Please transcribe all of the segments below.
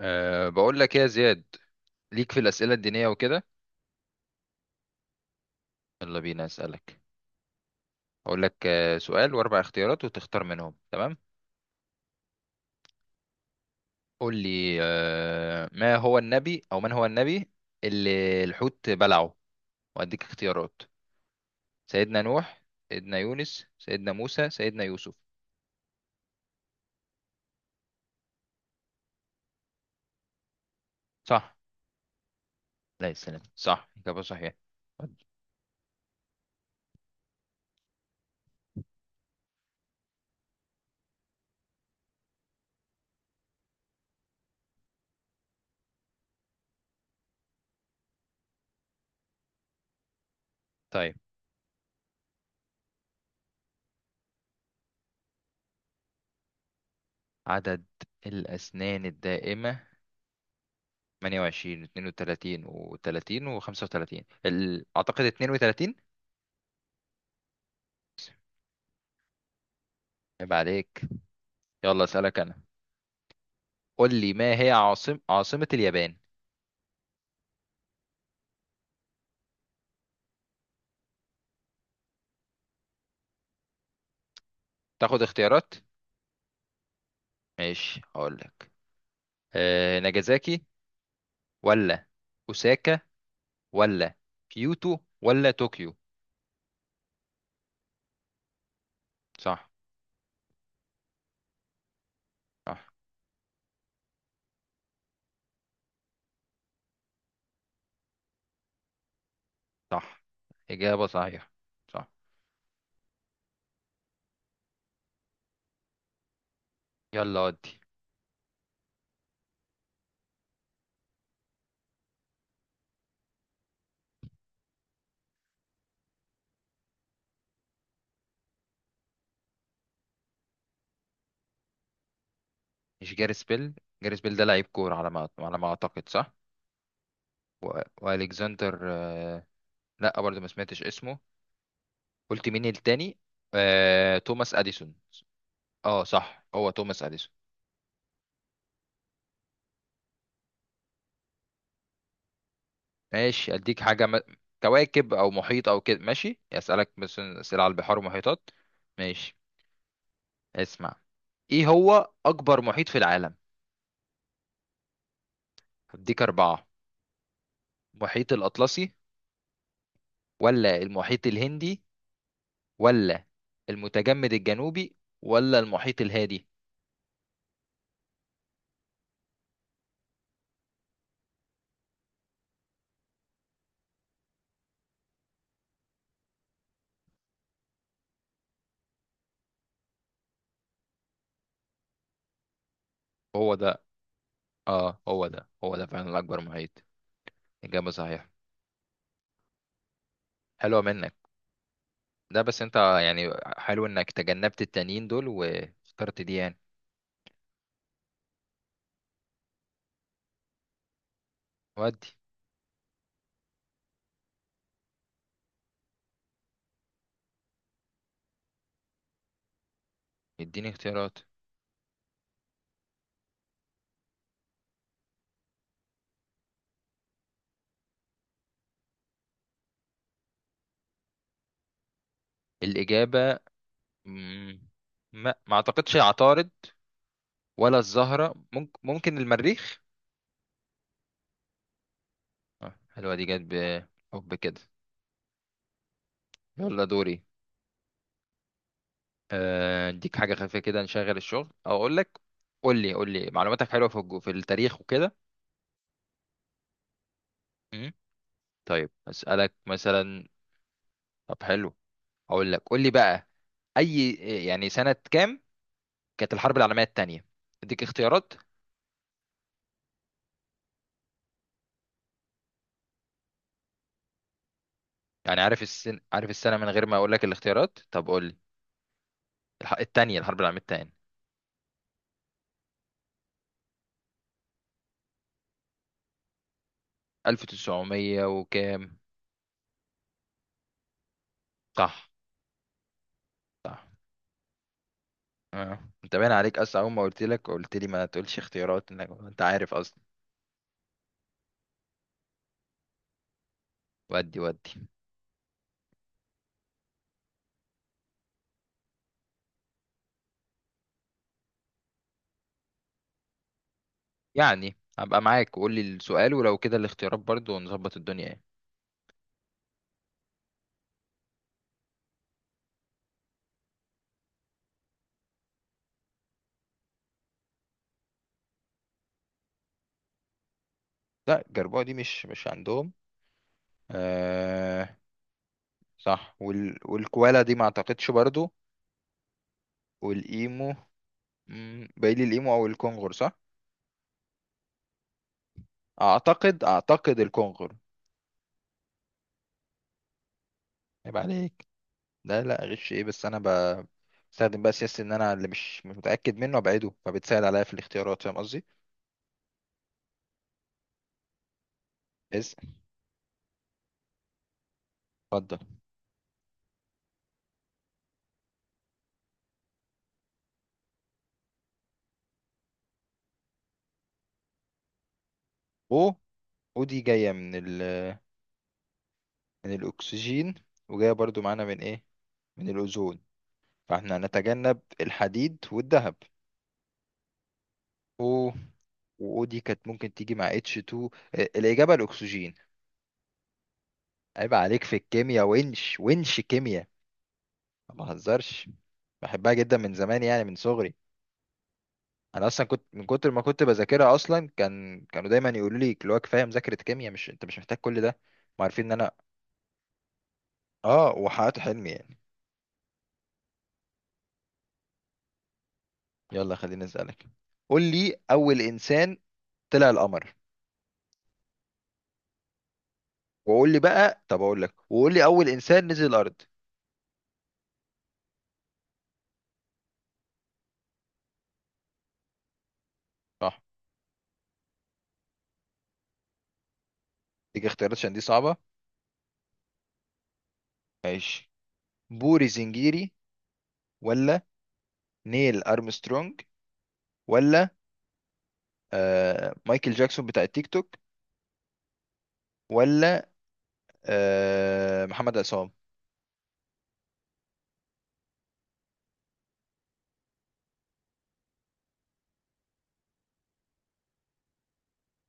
بقول لك ايه يا زياد، ليك في الأسئلة الدينية وكده. يلا بينا أسألك. هقول لك سؤال وأربع اختيارات وتختار منهم. تمام؟ قول لي، ما هو النبي، أو من هو النبي اللي الحوت بلعه، وأديك اختيارات. سيدنا نوح، سيدنا يونس، سيدنا موسى، سيدنا يوسف؟ صح. لا السلام، صح، إجابة صحيحة. طيب، عدد الأسنان الدائمة 28، 32 و30 و35؟ أعتقد 32. عيب عليك. يلا اسألك انا. قول لي، ما هي عاصمة اليابان؟ تاخد اختيارات؟ ماشي، هقول لك. ناجازاكي، ولا اوساكا، ولا كيوتو، ولا طوكيو؟ صح. صح. صح، إجابة صحيحة. صح. يلا، ودي. مش جاريس بيل. جاريس بيل ده لعيب كورة، على ما اعتقد، صح. والكسندر لا برضه ما سمعتش اسمه. قلت مين التاني؟ توماس اديسون. اه صح، هو توماس اديسون. ماشي، اديك حاجه، كواكب او محيط او كده. ماشي، اسالك مثلا اسئله على البحار ومحيطات. ماشي. اسمع، ايه هو اكبر محيط في العالم؟ هديك اربعه. المحيط الاطلسي، ولا المحيط الهندي، ولا المتجمد الجنوبي، ولا المحيط الهادي؟ هو ده. اه هو ده، فعلا الاكبر محيط. اجابه صحيحه. حلوه منك ده، بس انت يعني. حلو انك تجنبت التانيين دول واخترت دي يعني. ودي. اديني اختيارات. الإجابة، مم. ما اعتقدش العطارد، ولا الزهرة، ممكن ممكن المريخ. حلوة دي جت. بحب كده. يلا دوري. اديك حاجة خفيفة كده نشغل الشغل، او اقول لك. قول لي، قول لي، معلوماتك حلوة في في التاريخ وكده؟ مم. طيب، اسألك مثلا. طب حلو، اقول لك. قول لي بقى، اي، يعني سنة كام كانت الحرب العالمية التانية؟ اديك اختيارات. يعني عارف السنة، من غير ما اقول لك الاختيارات؟ طب قول لي، الح- التانية الحرب العالمية التانية 1900 وكام؟ صح. صح. اه انت باين عليك اصلا، اول ما قلت لك قلت لي ما تقولش اختيارات، انك انت عارف اصلا. ودي يعني هبقى معاك وقول لي السؤال، ولو كده الاختيارات برضو ونظبط الدنيا يعني. لا الجربوع دي مش عندهم. آه صح، والكوالا دي ما اعتقدش برضو. والايمو. باقي لي الايمو او الكونغر، صح. اعتقد الكونغر. يبقى عليك. لا، لا، غش ايه، بس انا بستخدم بقى سياسة ان انا اللي مش متأكد منه ابعده، فبتسهل عليا في الاختيارات، فاهم قصدي؟ بس اتفضل. او، دي جاية من من الاكسجين، وجاية برضو معانا من ايه، من الاوزون، فاحنا هنتجنب الحديد والذهب. او، و دي كانت ممكن تيجي مع اتش 2. الاجابة الاكسجين. عيب عليك في الكيمياء، ونش ونش كيمياء. ما بهزرش، بحبها جدا من زمان يعني من صغري. انا اصلا كنت من كتر ما كنت بذاكرها اصلا، كانوا دايما يقولوا لي اللي هو كفايه مذاكره كيمياء، مش انت مش محتاج كل ده. ما عارفين ان انا. اه وحققت حلمي يعني. يلا، خليني اسالك. قول لي، اول انسان طلع القمر، وقول لي بقى، طب اقول لك، وقول لي اول انسان نزل الارض. صح. دي اختيارات عشان دي صعبه. ماشي، بوري زنجيري، ولا نيل ارمسترونج، ولا مايكل جاكسون بتاع التيك توك، ولا محمد عصام؟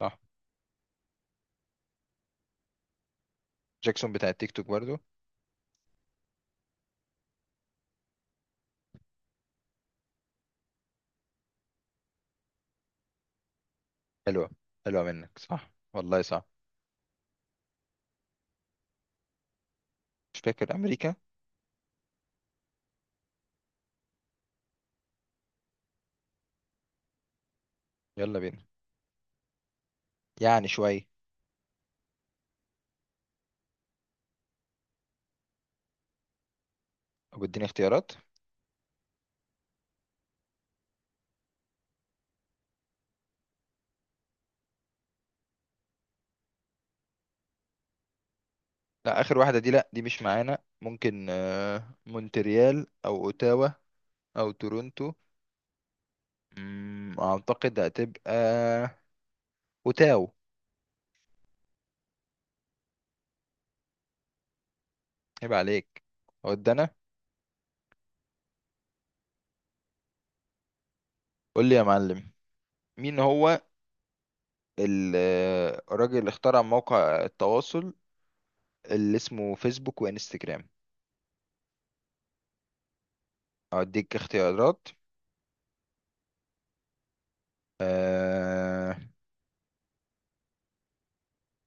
صح. جاكسون بتاع التيك توك برضو. حلوة، حلوة منك، صح والله، صح. مش فاكر أمريكا. يلا بينا، يعني شوية. أو اديني اختيارات. لا آخر واحدة دي لأ، دي مش معانا، ممكن مونتريال، أو أوتاوا، أو تورونتو. أعتقد هتبقى أوتاو. عيب عليك. ود أنا. قول لي يا معلم، مين هو الراجل اللي اخترع موقع التواصل اللي اسمه فيسبوك وانستجرام؟ أديك اختيارات. آه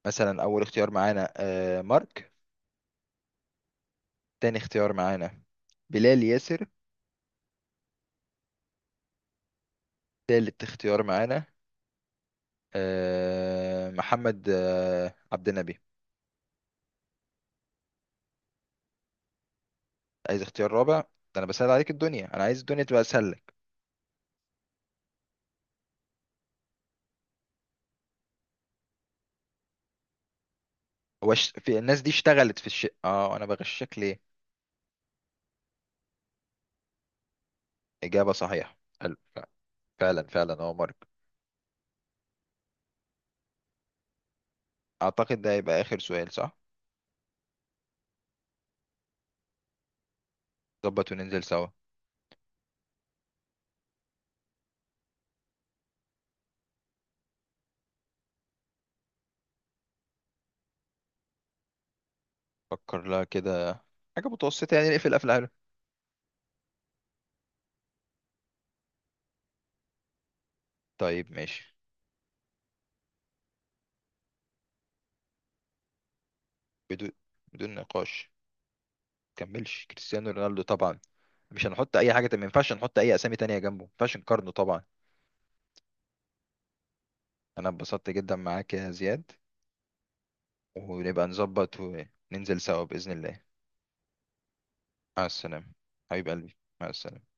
مثلا، أول اختيار معانا مارك. تاني اختيار معانا بلال ياسر. تالت اختيار معانا محمد عبد النبي. عايز اختيار رابع ده؟ انا بسهل عليك الدنيا، انا عايز الدنيا تبقى اسهل لك. هو في الناس دي اشتغلت في الشيء، اه انا بغشك ليه؟ اجابه صحيحه. حلو فعلا، فعلا، اه مارك. اعتقد ده هيبقى اخر سؤال، صح؟ ظبط وننزل سوا. فكر لها كده، حاجه متوسطه يعني نقفل قفله حلوه. طيب ماشي، بدون، بدون نقاش، كملش، كريستيانو رونالدو طبعا. مش هنحط اي حاجه، ما ينفعش نحط اي اسامي تانية جنبه، ما ينفعش نقارنه طبعا. انا اتبسطت جدا معاك يا زياد. ونبقى نظبط وننزل سوا باذن الله. مع السلامه، حبيب قلبي، مع السلامه.